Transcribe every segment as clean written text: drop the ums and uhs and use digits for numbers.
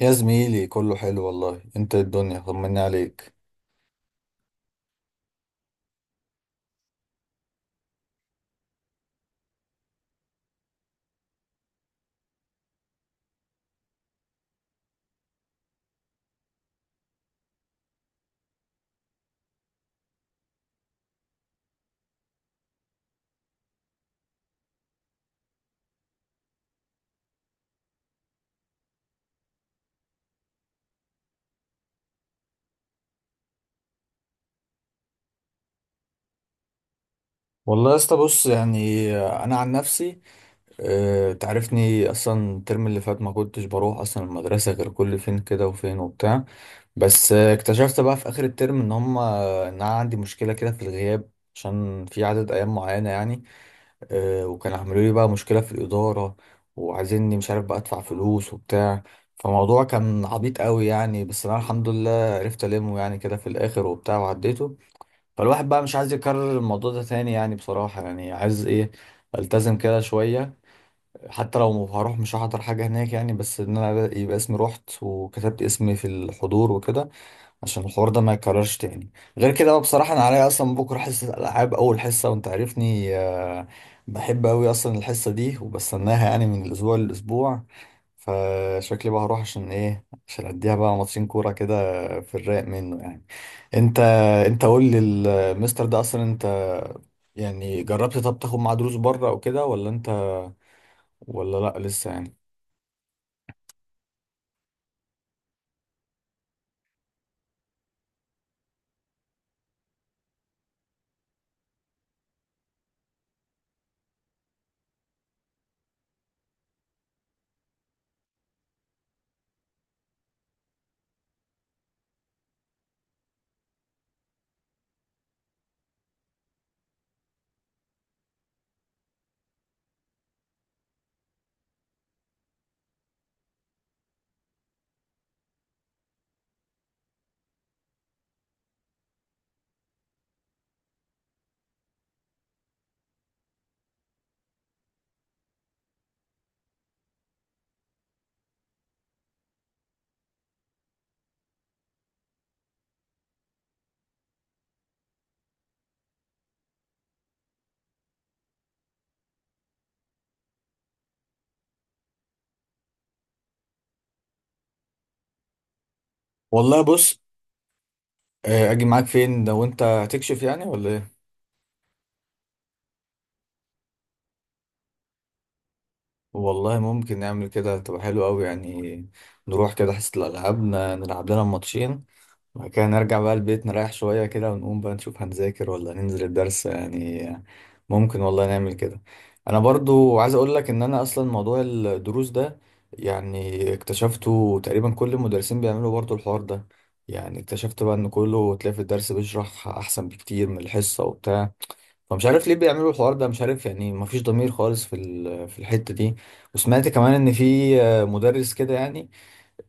يا زميلي كله حلو والله، انت إيه الدنيا طمني عليك. والله يا اسطى بص يعني انا عن نفسي اه تعرفني اصلا الترم اللي فات ما كنتش بروح اصلا المدرسه غير كل فين كده وفين وبتاع. بس اكتشفت بقى في اخر الترم ان هم ان انا عندي مشكله كده في الغياب عشان في عدد ايام معينه يعني. وكان عملوا لي بقى مشكلة في الإدارة وعايزيني مش عارف بقى أدفع فلوس وبتاع، فموضوع كان عبيط قوي يعني. بس أنا الحمد لله عرفت ألمه يعني كده في الآخر وبتاع وعديته، فالواحد بقى مش عايز يكرر الموضوع ده تاني يعني بصراحة. يعني عايز إيه ألتزم كده شوية، حتى لو هروح مش هحضر حاجة هناك يعني، بس إن أنا يبقى اسمي رحت وكتبت اسمي في الحضور وكده عشان الحوار ده ما يكررش تاني. غير كده بقى بصراحة أنا عليا أصلا بكرة حصة ألعاب أول حصة، وأنت عارفني بحب أوي أصلا الحصة دي وبستناها يعني من الأسبوع للأسبوع. فشكلي بقى هروح عشان إيه، عشان أديها بقى ماتشين كورة كده في الرايق منه يعني. أنت، أنت قول لي المستر ده أصلا أنت يعني جربت طب تاخد معاه دروس بره أو كده، ولا أنت ولا لأ لسه يعني؟ والله بص، أجي معاك فين لو أنت هتكشف يعني ولا إيه؟ والله ممكن نعمل كده تبقى حلوة أوي يعني. نروح كده حصة الألعاب نلعب لنا ماتشين، وبعد كده نرجع بقى البيت نريح شوية كده، ونقوم بقى نشوف هنذاكر ولا ننزل الدرس يعني. ممكن والله نعمل كده. أنا برضو عايز أقول لك إن أنا أصلا موضوع الدروس ده يعني اكتشفته تقريبا كل المدرسين بيعملوا برضو الحوار ده. يعني اكتشفت بقى إن كله تلاقي في الدرس بيشرح أحسن بكتير من الحصة وبتاع، فمش عارف ليه بيعملوا الحوار ده، مش عارف يعني. مفيش ضمير خالص في الحتة دي. وسمعت كمان ان في مدرس كده يعني،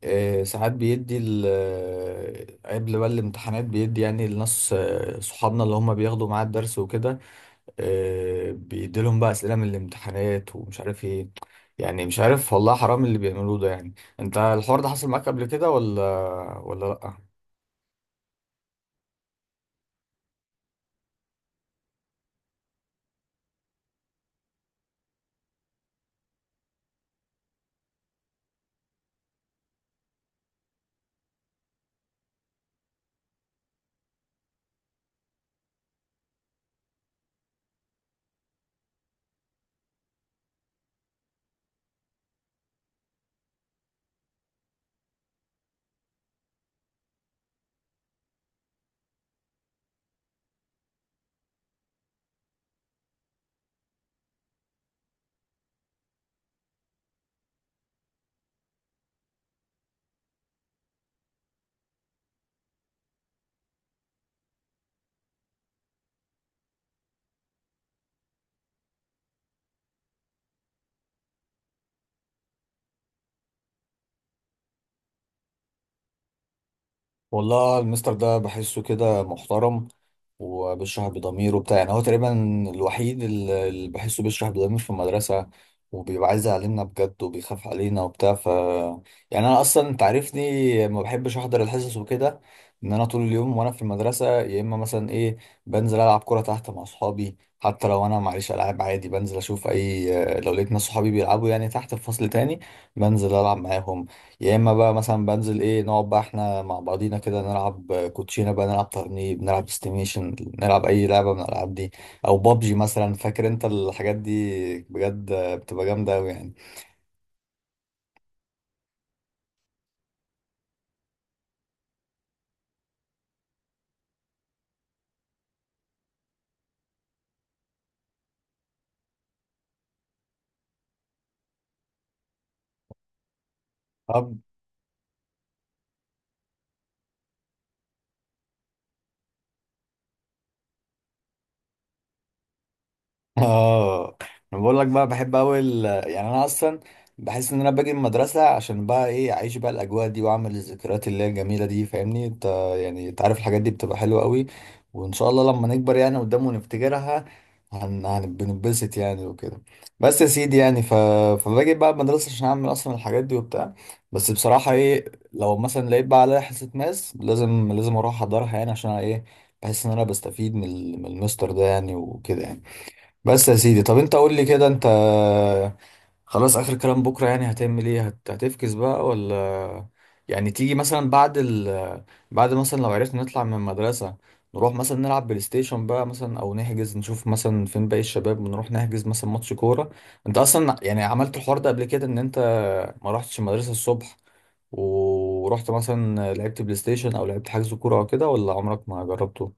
ساعات بيدي ال- آه، قبل بقى الامتحانات بيدي يعني لناس صحابنا اللي هم بياخدوا معاه الدرس وكده، بيدي لهم بقى أسئلة من الامتحانات ومش عارف ايه. يعني مش عارف والله حرام اللي بيعملوه ده يعني. انت الحوار ده حصل معاك قبل كده ولا ولا لأ؟ والله المستر ده بحسه كده محترم وبيشرح بضمير وبتاع. يعني هو تقريبا الوحيد اللي بحسه بيشرح بضمير في المدرسة، وبيبقى عايز يعلمنا بجد وبيخاف علينا وبتاع. ف يعني انا اصلا انت عارفني ما بحبش احضر الحصص وكده. ان انا طول اليوم وانا في المدرسة يا اما مثلا ايه بنزل العب كورة تحت مع اصحابي، حتى لو انا معيش العاب عادي بنزل اشوف اي لو لقيت ناس صحابي بيلعبوا يعني تحت في فصل تاني بنزل العب معاهم. يا اما بقى مثلا بنزل ايه نقعد بقى احنا مع بعضينا كده نلعب كوتشينه بقى، نلعب ترنيب، نلعب استيميشن، نلعب اي لعبه من الالعاب دي، او بابجي مثلا. فاكر انت الحاجات دي بجد بتبقى جامده قوي يعني. اه انا بقول لك بقى بحب قوي يعني. انا اصلا بحس ان انا باجي من المدرسه عشان بقى ايه اعيش بقى الاجواء دي واعمل الذكريات اللي هي الجميله دي فاهمني انت. يعني انت عارف الحاجات دي بتبقى حلوه قوي، وان شاء الله لما نكبر يعني قدام ونفتكرها بننبسط يعني وكده. بس يا سيدي يعني فباجي بقى المدرسه عشان اعمل اصلا الحاجات دي وبتاع. بس بصراحه ايه لو مثلا لقيت بقى عليا حصه ماس لازم لازم اروح احضرها يعني، عشان ايه بحس ان انا بستفيد من المستر ده يعني وكده يعني. بس يا سيدي طب انت قول لي كده، انت خلاص اخر كلام بكره يعني هتعمل ايه، هتفكس بقى ولا يعني تيجي مثلا بعد مثلا لو عرفنا نطلع من المدرسه نروح مثلا نلعب بلاي ستيشن بقى مثلا، او نحجز نشوف مثلا فين باقي الشباب ونروح نحجز مثلا ماتش كوره؟ انت اصلا يعني عملت الحوار ده قبل كده ان انت ما رحتش المدرسه الصبح ورحت مثلا لعبت بلاي ستيشن او لعبت حجز كوره او كده، ولا عمرك ما جربته؟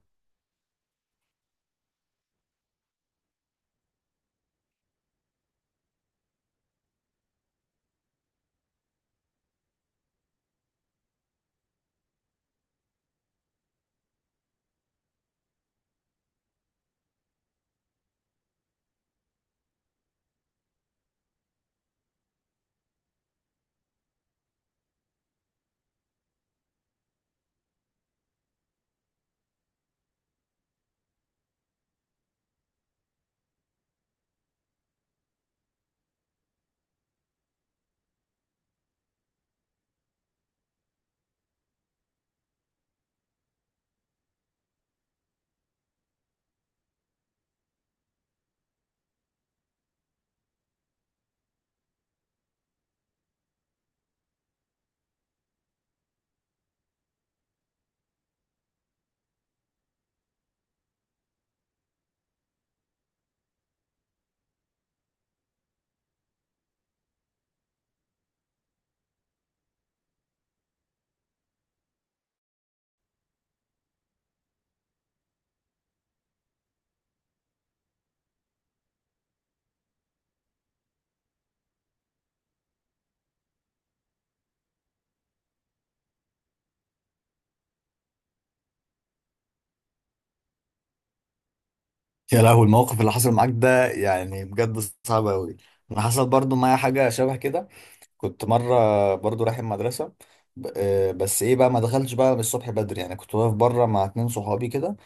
يا لهوي الموقف اللي حصل معاك ده يعني بجد صعب قوي. انا حصل برضو معايا حاجه شبه كده. كنت مره برضو رايح المدرسه، بس ايه بقى ما دخلتش بقى من الصبح بدري يعني، كنت واقف بره مع 2 صحابي كده.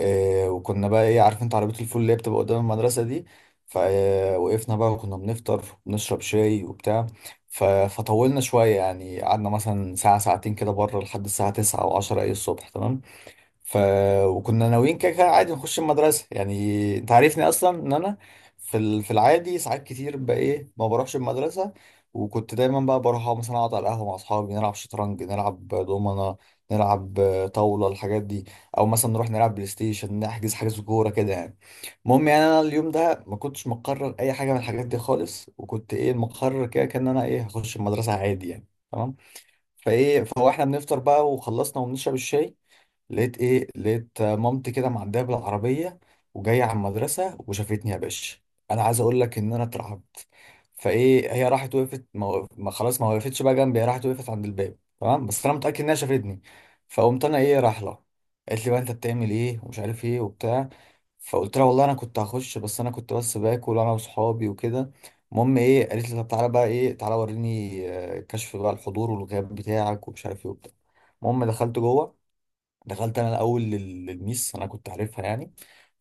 وكنا بقى ايه عارف انت عربيه الفول اللي هي بتبقى قدام المدرسه دي، فوقفنا بقى وكنا بنفطر ونشرب شاي وبتاع. فطولنا شويه يعني، قعدنا مثلا ساعه ساعتين كده بره لحد الساعه 9 او 10 ايه الصبح تمام. ف وكنا ناويين كده كده عادي نخش المدرسه يعني، انت عارفني اصلا ان انا في العادي ساعات كتير بقى ايه ما بروحش المدرسه، وكنت دايما بقى بروح أقعد مثلا اقعد على القهوه مع اصحابي نلعب شطرنج، نلعب دومنه، نلعب طاوله الحاجات دي، او مثلا نروح نلعب بلاي ستيشن نحجز حجز كوره كده يعني. المهم يعني انا اليوم ده ما كنتش مقرر اي حاجه من الحاجات دي خالص، وكنت ايه مقرر كده كان انا ايه هخش المدرسه عادي يعني تمام. فايه فاحنا بنفطر بقى وخلصنا وبنشرب الشاي، لقيت ايه لقيت مامتي كده معديه بالعربيه وجايه على المدرسه وشافتني يا باشا. انا عايز اقول لك ان انا اترعبت. فايه هي راحت وقفت ما خلاص ما وقفتش بقى جنبي، هي راحت وقفت عند الباب تمام، بس انا متاكد انها شافتني. فقمت انا ايه راح لها، قالت لي بقى انت بتعمل ايه ومش عارف ايه وبتاع، فقلت لها والله انا كنت هخش بس انا كنت بس باكل انا واصحابي وكده. المهم ايه قالت لي طب تعالى بقى ايه تعالى وريني كشف بقى الحضور والغياب بتاعك ومش عارف ايه وبتاع. المهم دخلت جوه، دخلت انا الاول للميس انا كنت عارفها يعني،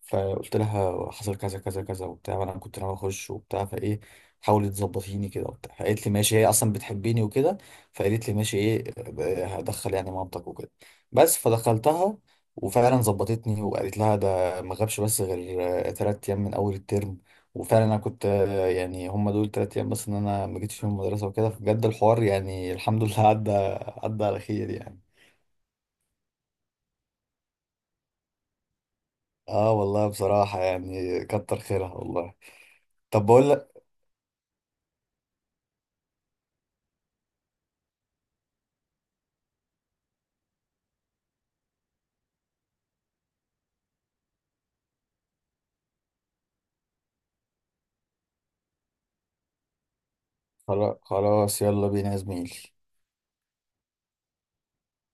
فقلت لها حصل كذا كذا كذا وبتاع وانا كنت ناوي اخش وبتاع، فايه حاولت تظبطيني كده وبتاع، فقالت لي ماشي هي اصلا بتحبني وكده. فقالت لي ماشي ايه هدخل يعني مامتك وكده بس، فدخلتها وفعلا ظبطتني وقالت لها ده ما غابش بس غير 3 ايام من اول الترم. وفعلا انا كنت يعني هم دول 3 ايام بس ان انا ما جيتش فيهم المدرسه وكده، فبجد الحوار يعني الحمد لله عدى، عدى على خير يعني. اه والله بصراحة يعني كتر خيرها والله. طب بقول لك خلاص يلا بينا يا زميلي.